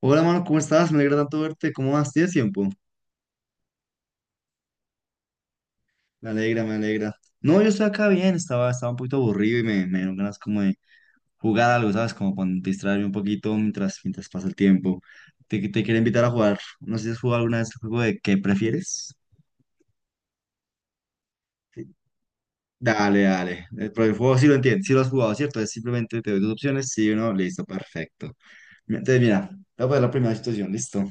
Hola, mano, ¿cómo estás? Me alegra tanto verte. ¿Cómo vas? ¿Tienes tiempo? Me alegra, me alegra. No, yo estoy acá bien, estaba un poquito aburrido y me dieron ganas como de jugar algo, ¿sabes? Como para distraerme un poquito mientras pasa el tiempo. Te quería invitar a jugar. No sé si has jugado alguna vez el juego de ¿qué prefieres? Dale, dale. Pero el juego sí lo entiendes, sí lo has jugado, ¿cierto? Es simplemente te doy dos opciones, sí o no, listo, perfecto. Entonces, mira, te voy a poner la primera situación, listo.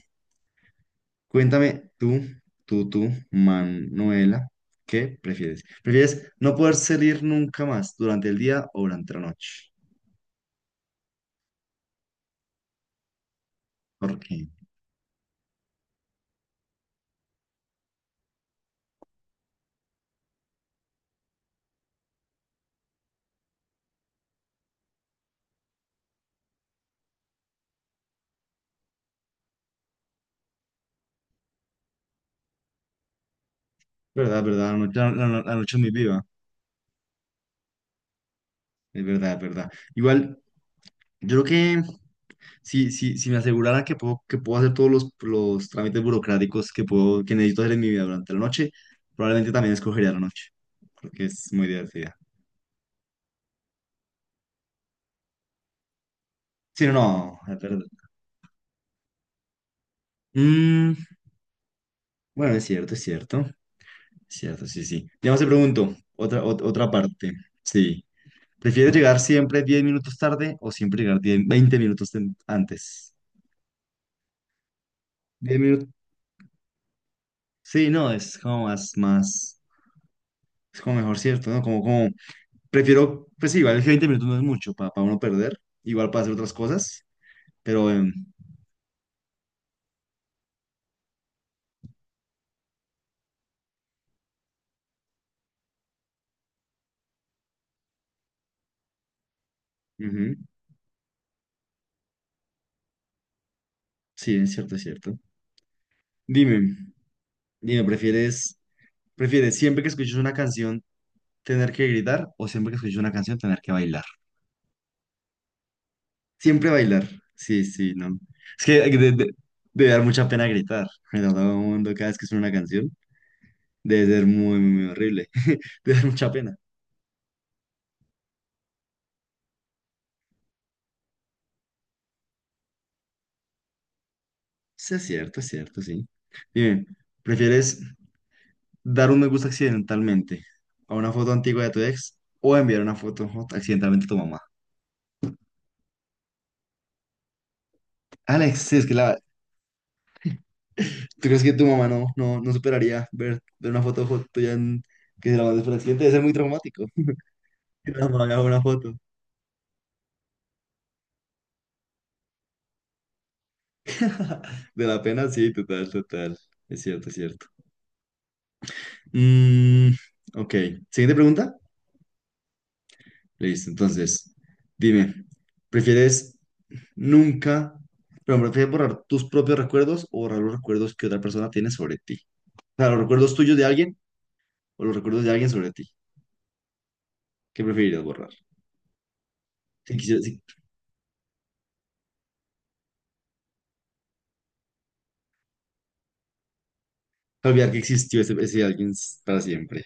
Cuéntame tú, Manuela, ¿qué prefieres? ¿Prefieres no poder salir nunca más durante el día o durante la noche? ¿Por qué? ¿Verdad, verdad? La noche, la noche es muy viva. Es verdad, es verdad. Igual, yo creo que si me asegurara que puedo hacer todos los trámites burocráticos que necesito hacer en mi vida durante la noche, probablemente también escogería la noche, porque es muy divertida. Sí, no, no, es verdad. Mm, bueno, es cierto, es cierto. Cierto, sí, sí. Digamos, te pregunto, otra parte. Sí. ¿Prefieres llegar siempre 10 minutos tarde o siempre llegar 10 20 minutos antes? 10 minutos. Sí, no, es como más, es como mejor, ¿cierto? ¿No? Prefiero, pues sí, igual que 20 minutos no es mucho para uno perder, igual para hacer otras cosas, pero, ujú, sí, es cierto, es cierto. Dime, dime, ¿ prefieres siempre que escuches una canción tener que gritar o siempre que escuches una canción tener que bailar? Siempre bailar. Sí, sí, no. Es que debe dar mucha pena gritar. A todo el mundo cada vez que suena una canción. Debe ser muy, muy, muy horrible. Debe dar mucha pena. Sí, es cierto, sí. Dime, ¿prefieres dar un me gusta accidentalmente a una foto antigua de tu ex o enviar una foto accidentalmente a tu mamá? Alex, sí, es que la. ¿Tú crees que tu mamá no, no, no superaría ver una foto tuya que se la mandes por accidente? Debe ser muy traumático. Que la mamá haga una foto. De la pena, sí, total, total. Es cierto, es cierto. Mm, ok, siguiente pregunta. Listo, entonces, dime, ¿prefieres nunca, pero prefieres borrar tus propios recuerdos o borrar los recuerdos que otra persona tiene sobre ti? O sea, los recuerdos tuyos de alguien o los recuerdos de alguien sobre ti. ¿Qué preferirías borrar? Si quisieras olvidar que existió ese alguien para siempre.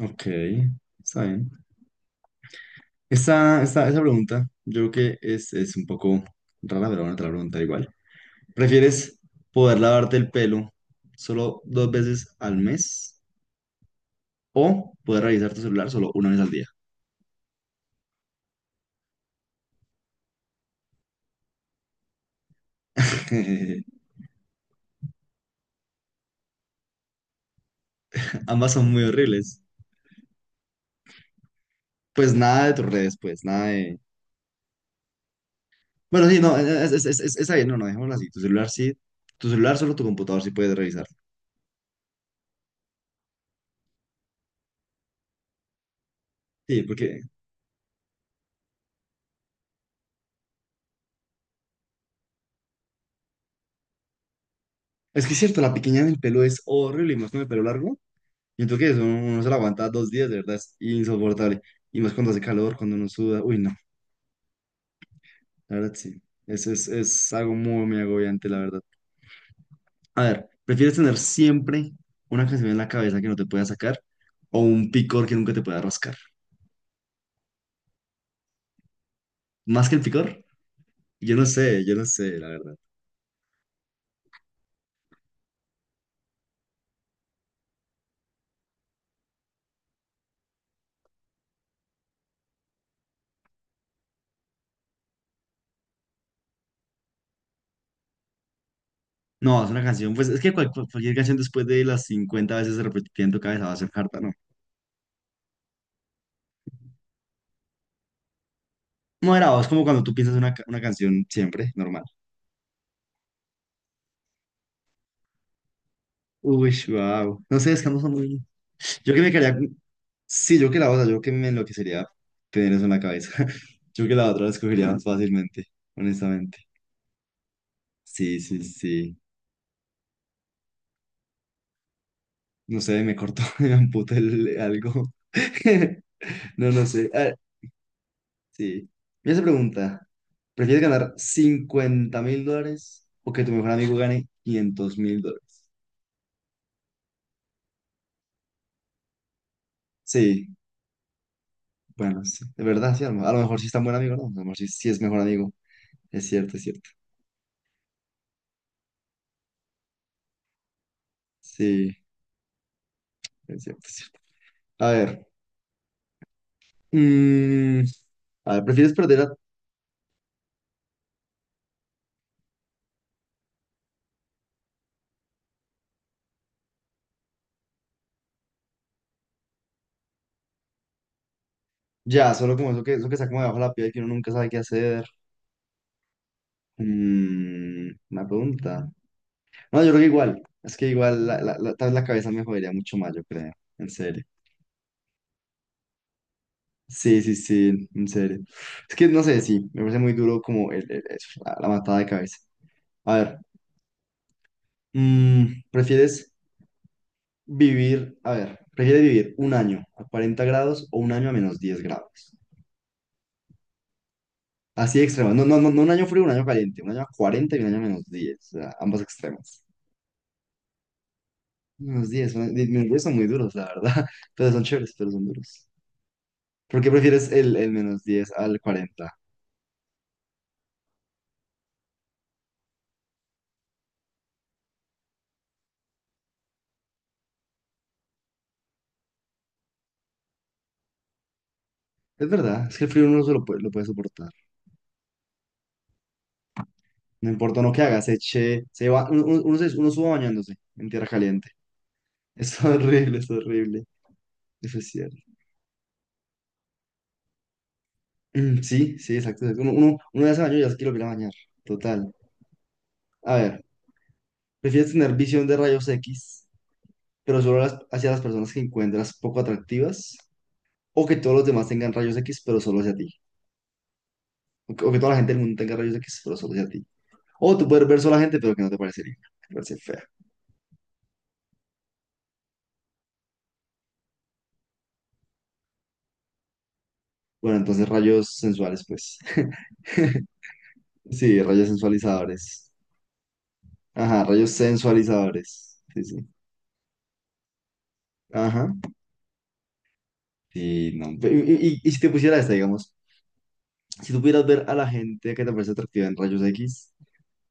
Ok, está bien. Esa pregunta, yo creo que es un poco rara, pero bueno, te la pregunta igual. ¿Prefieres poder lavarte el pelo solo dos veces al mes o poder revisar tu celular solo una vez al día? Ambas son muy horribles. Pues nada de tus redes, pues nada de. Bueno, sí, no, está bien, no, no, dejémoslo así. Tu celular sí, tu celular solo tu computador sí puedes revisar. Sí, porque es que es cierto, la pequeña del pelo es horrible y más con el pelo largo. ¿Y entonces? Que eso uno se lo aguanta 2 días, de verdad, es insoportable. Y más cuando hace calor, cuando uno suda. Uy, no, la verdad sí. Eso es algo muy, muy agobiante, la verdad. A ver, ¿prefieres tener siempre una canción en la cabeza que no te pueda sacar o un picor que nunca te pueda rascar? ¿Más que el picor? Yo no sé, la verdad. No, es una canción, pues es que cualquier canción después de las 50 veces repetida en tu cabeza va a ser harta, ¿no? Moderado, es como cuando tú piensas una canción siempre, normal. Uy, wow. No sé, es que no son muy. Yo que me quedaría. Sí, yo que la otra, yo que me enloquecería tener eso en la cabeza. Yo que la otra la escogería más fácilmente, honestamente. Sí, sí, sí. No sé, me cortó, me amputé algo. No, no sé. Ah, sí. Mira esa pregunta. ¿Prefieres ganar $50.000 o que tu mejor amigo gane $500.000? Sí, bueno, sí. De verdad, sí. A lo mejor sí es tan buen amigo, ¿no? A lo mejor sí, sí es mejor amigo. Es cierto, es cierto. Sí, es cierto, es cierto. A ver. mm, a ver, ¿prefieres perder ya solo como eso que está como debajo de la piel que uno nunca sabe qué hacer? Una pregunta. No, yo creo que igual. Es que igual, la tal vez la cabeza me jodería mucho más, yo creo. En serio. Sí, sí, sí, en serio. Es que no sé, sí, me parece muy duro como eso, la matada de cabeza. A ver, mm, ¿prefieres prefieres vivir un año a 40 grados o un año a -10 grados? Así de extremo. No, no, no, no un año frío, un año caliente. Un año a 40 y un año a -10. O sea, ambos extremos. -10 son muy duros, la verdad. Pero son chéveres, pero son duros. ¿Por qué prefieres el -10 al 40? Es verdad, es que el frío uno no se lo puede soportar. No importa uno que haga, se eche, se va, uno suba bañándose en tierra caliente. Es horrible, es horrible. Eso es cierto. Mm, sí, sí, exacto, exacto. Uno ya se bañó y ya se quiere volver a bañar. Total. A ver, ¿prefieres tener visión de rayos X, pero solo hacia las personas que encuentras poco atractivas? ¿O que todos los demás tengan rayos X, pero solo hacia ti? O que toda la gente del mundo tenga rayos X, pero solo hacia ti. O tú puedes ver solo a la gente, pero que no te parece linda. Te parece fea. Bueno, entonces rayos sensuales, pues. Sí, rayos sensualizadores. Ajá, rayos sensualizadores. Sí, sí. Ajá. Sí, no. Y si te pusiera esta, digamos, si tú pudieras ver a la gente que te parece atractiva en rayos X,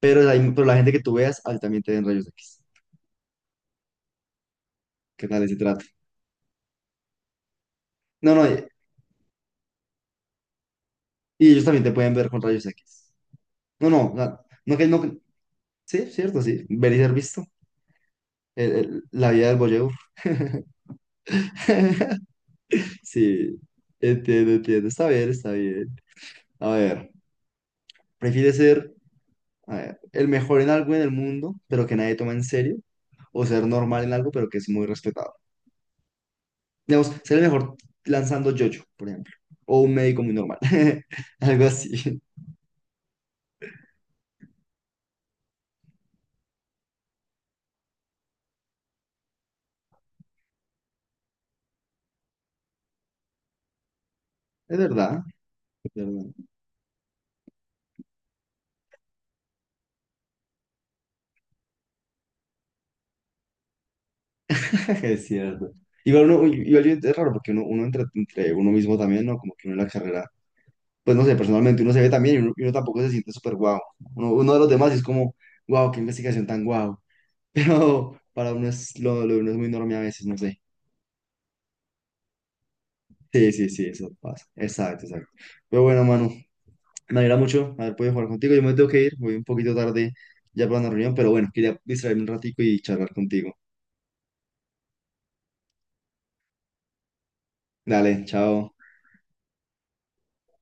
pero, pero la gente que tú veas, a ti también te ven rayos X. ¿Qué tal ese trato? No, no, y ellos también te pueden ver con rayos X. No, no, no, no que no. Sí, cierto, sí. Ver y ser visto. La vida del voyeur. Sí, entiendo, entiendo. Está bien, está bien. A ver, ¿prefieres ser a ver, el mejor en algo en el mundo, pero que nadie toma en serio? ¿O ser normal en algo, pero que es muy respetado? Digamos, ser el mejor lanzando yoyo, por ejemplo. O un médico muy normal. Algo así. Es verdad, es verdad. Es cierto. Igual uno, igual es raro porque uno entre uno mismo también, ¿no? Como que uno en la carrera, pues no sé, personalmente uno se ve también y uno tampoco se siente súper guau. Uno de los demás es como, guau, qué investigación tan guau. Pero para uno lo de uno es muy enorme a veces, no sé. Sí, sí, sí, eso pasa. Exacto, exacto. Pero bueno, Manu, me alegra mucho haber podido jugar contigo. Yo me tengo que ir, voy un poquito tarde ya para una reunión, pero bueno, quería distraerme un ratico y charlar contigo. Dale, chao.